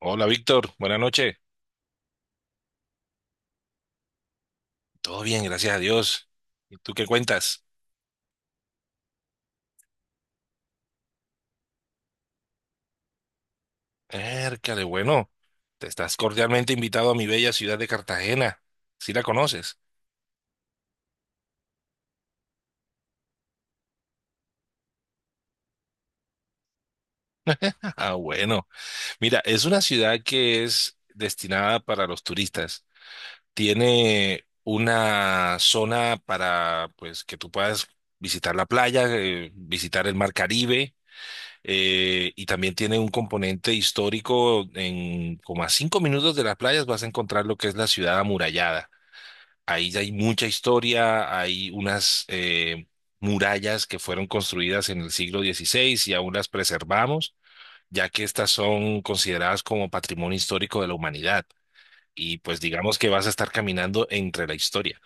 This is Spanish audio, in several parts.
Hola Víctor, buenas noches. Todo bien, gracias a Dios. ¿Y tú qué cuentas? Ércale, bueno, te estás cordialmente invitado a mi bella ciudad de Cartagena. ¿Sí la conoces? Ah, bueno. Mira, es una ciudad que es destinada para los turistas. Tiene una zona para, pues, que tú puedas visitar la playa, visitar el mar Caribe. Y también tiene un componente histórico. En como a 5 minutos de las playas vas a encontrar lo que es la ciudad amurallada. Ahí ya hay mucha historia, hay unas murallas que fueron construidas en el siglo XVI y aún las preservamos, ya que estas son consideradas como patrimonio histórico de la humanidad. Y pues digamos que vas a estar caminando entre la historia.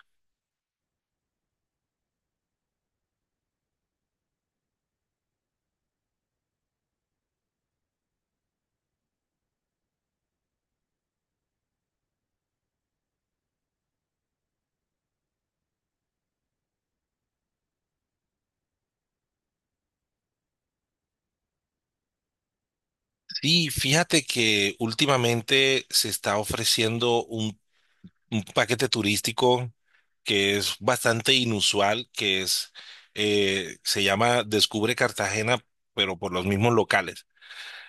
Sí, fíjate que últimamente se está ofreciendo un paquete turístico que es bastante inusual, que es, se llama Descubre Cartagena, pero por los mismos locales.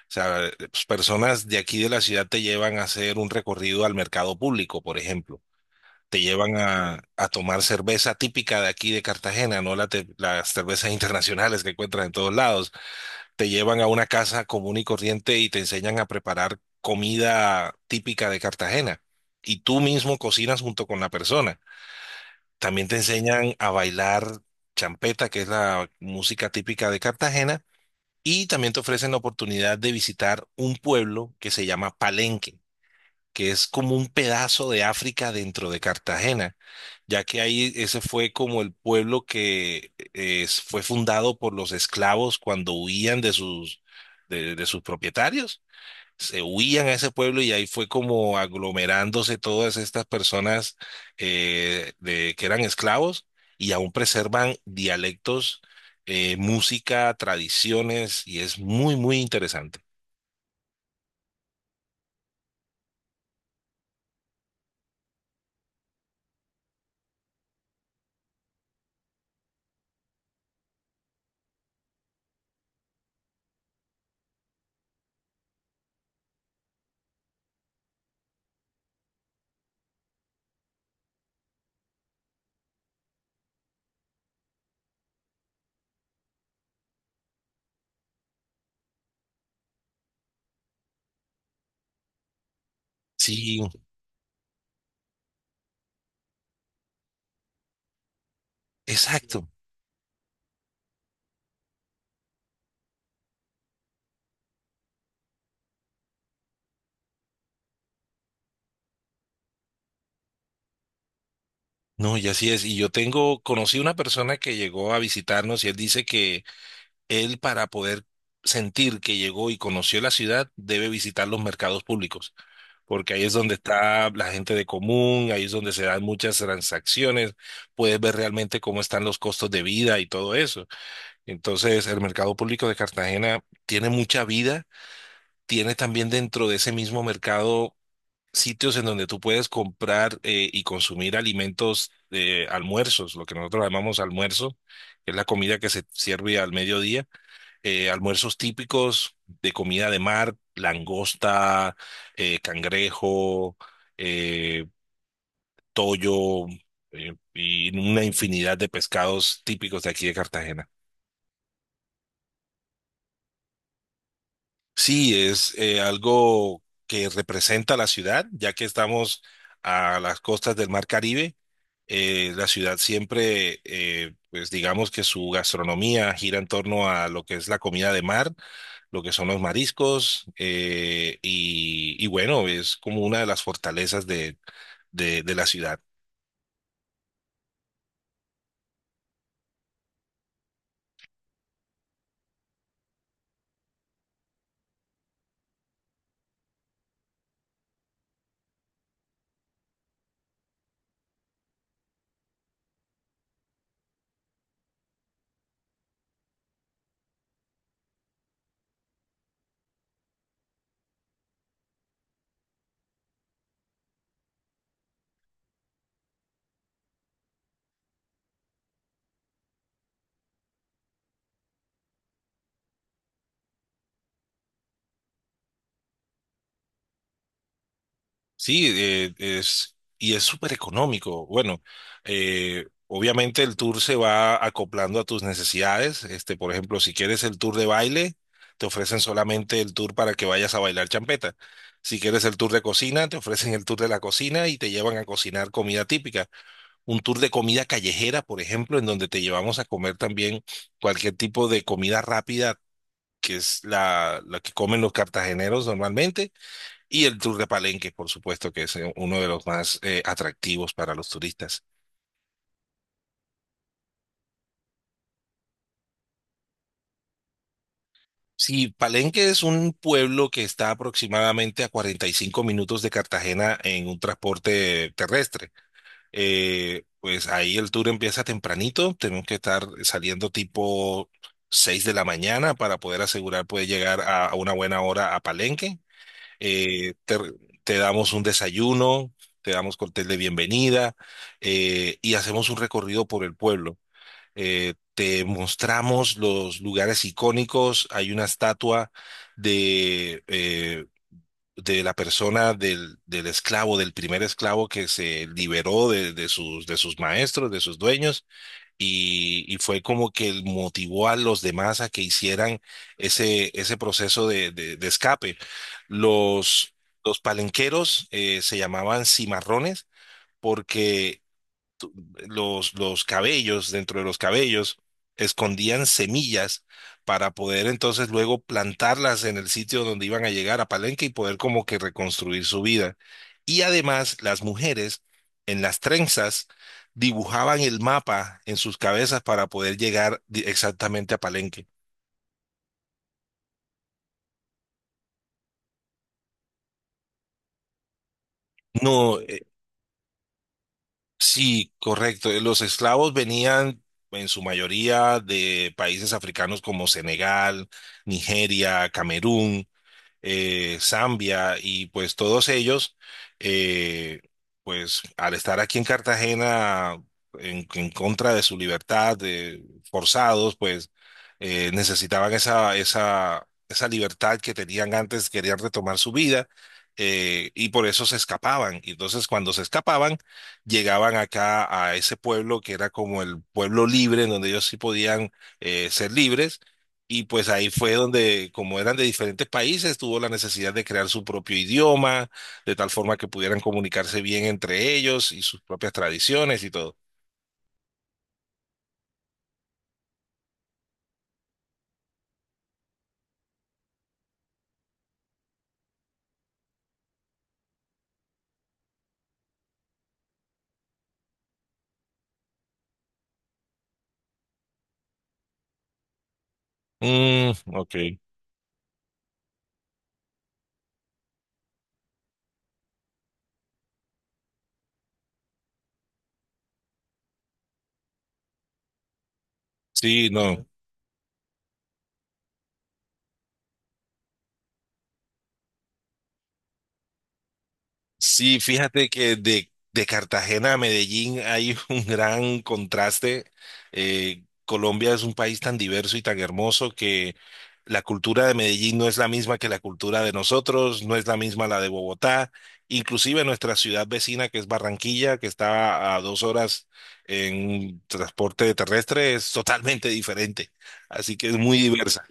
O sea, pues, personas de aquí de la ciudad te llevan a hacer un recorrido al mercado público, por ejemplo. Te llevan a tomar cerveza típica de aquí de Cartagena, no la las cervezas internacionales que encuentras en todos lados. Te llevan a una casa común y corriente y te enseñan a preparar comida típica de Cartagena. Y tú mismo cocinas junto con la persona. También te enseñan a bailar champeta, que es la música típica de Cartagena, y también te ofrecen la oportunidad de visitar un pueblo que se llama Palenque, que es como un pedazo de África dentro de Cartagena, ya que ahí ese fue como el pueblo que fue fundado por los esclavos cuando huían de sus, de sus propietarios, se huían a ese pueblo y ahí fue como aglomerándose todas estas personas que eran esclavos y aún preservan dialectos, música, tradiciones y es muy, muy interesante. Sí, exacto. No, y así es. Y yo tengo, conocí una persona que llegó a visitarnos y él dice que él para poder sentir que llegó y conoció la ciudad debe visitar los mercados públicos. Porque ahí es donde está la gente de común, ahí es donde se dan muchas transacciones, puedes ver realmente cómo están los costos de vida y todo eso. Entonces, el mercado público de Cartagena tiene mucha vida, tiene también dentro de ese mismo mercado sitios en donde tú puedes comprar y consumir alimentos, almuerzos, lo que nosotros llamamos almuerzo, que es la comida que se sirve al mediodía, almuerzos típicos de comida de mar, langosta, cangrejo, eh, toyo, y una infinidad de pescados típicos de aquí de Cartagena. Sí, es algo que representa la ciudad, ya que estamos a las costas del Mar Caribe. La ciudad siempre, pues digamos que su gastronomía gira en torno a lo que es la comida de mar, lo que son los mariscos, y bueno, es como una de las fortalezas de, de la ciudad. Sí, es, y es súper económico. Bueno, obviamente el tour se va acoplando a tus necesidades. Este, por ejemplo, si quieres el tour de baile, te ofrecen solamente el tour para que vayas a bailar champeta. Si quieres el tour de cocina, te ofrecen el tour de la cocina y te llevan a cocinar comida típica. Un tour de comida callejera, por ejemplo, en donde te llevamos a comer también cualquier tipo de comida rápida, que es la que comen los cartageneros normalmente, y el tour de Palenque, por supuesto, que es uno de los más atractivos para los turistas. Sí, Palenque es un pueblo que está aproximadamente a 45 minutos de Cartagena en un transporte terrestre. Pues ahí el tour empieza tempranito, tenemos que estar saliendo tipo 6 de la mañana para poder asegurar poder llegar a una buena hora a Palenque. Eh, te, te damos un desayuno, te damos cóctel de bienvenida, y hacemos un recorrido por el pueblo. Te mostramos los lugares icónicos, hay una estatua de... eh, de la persona del esclavo, del primer esclavo que se liberó de sus maestros, de sus dueños, y fue como que el motivó a los demás a que hicieran ese, ese proceso de, de escape. Los, los palenqueros se llamaban cimarrones porque los cabellos, dentro de los cabellos, escondían semillas para poder entonces luego plantarlas en el sitio donde iban a llegar a Palenque y poder como que reconstruir su vida. Y además las mujeres en las trenzas dibujaban el mapa en sus cabezas para poder llegar exactamente a Palenque. No, sí, correcto. Los esclavos venían en su mayoría de países africanos como Senegal, Nigeria, Camerún. Zambia y pues todos ellos, eh, pues al estar aquí en Cartagena en contra de su libertad, de- forzados, pues necesitaban esa, esa libertad que tenían antes, querían retomar su vida. Y por eso se escapaban. Y entonces cuando se escapaban, llegaban acá a ese pueblo que era como el pueblo libre, en donde ellos sí podían ser libres y pues ahí fue donde, como eran de diferentes países, tuvo la necesidad de crear su propio idioma, de tal forma que pudieran comunicarse bien entre ellos y sus propias tradiciones y todo. Mm, ok. Sí, no. Sí, fíjate que de Cartagena a Medellín hay un gran contraste. Colombia es un país tan diverso y tan hermoso que la cultura de Medellín no es la misma que la cultura de nosotros, no es la misma la de Bogotá, inclusive nuestra ciudad vecina que es Barranquilla, que está a 2 horas en transporte terrestre, es totalmente diferente. Así que es muy diversa.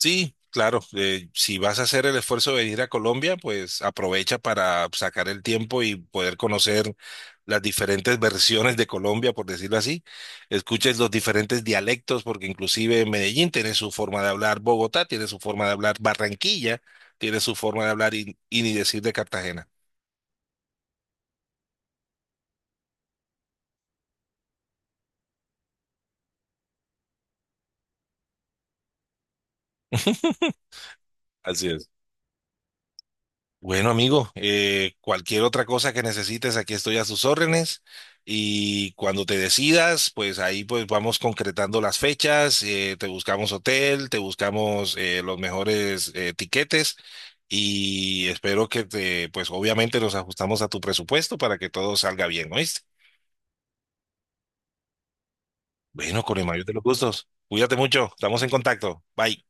Sí, claro. Si vas a hacer el esfuerzo de venir a Colombia, pues aprovecha para sacar el tiempo y poder conocer las diferentes versiones de Colombia, por decirlo así. Escuches los diferentes dialectos, porque inclusive Medellín tiene su forma de hablar, Bogotá tiene su forma de hablar, Barranquilla tiene su forma de hablar y ni decir de Cartagena. Así es. Bueno, amigo, cualquier otra cosa que necesites, aquí estoy a sus órdenes. Y cuando te decidas, pues ahí pues vamos concretando las fechas, te buscamos hotel, te buscamos los mejores tiquetes y espero que te, pues obviamente nos ajustamos a tu presupuesto para que todo salga bien, ¿oíste? Bueno, con el mayor de los gustos. Cuídate mucho, estamos en contacto. Bye.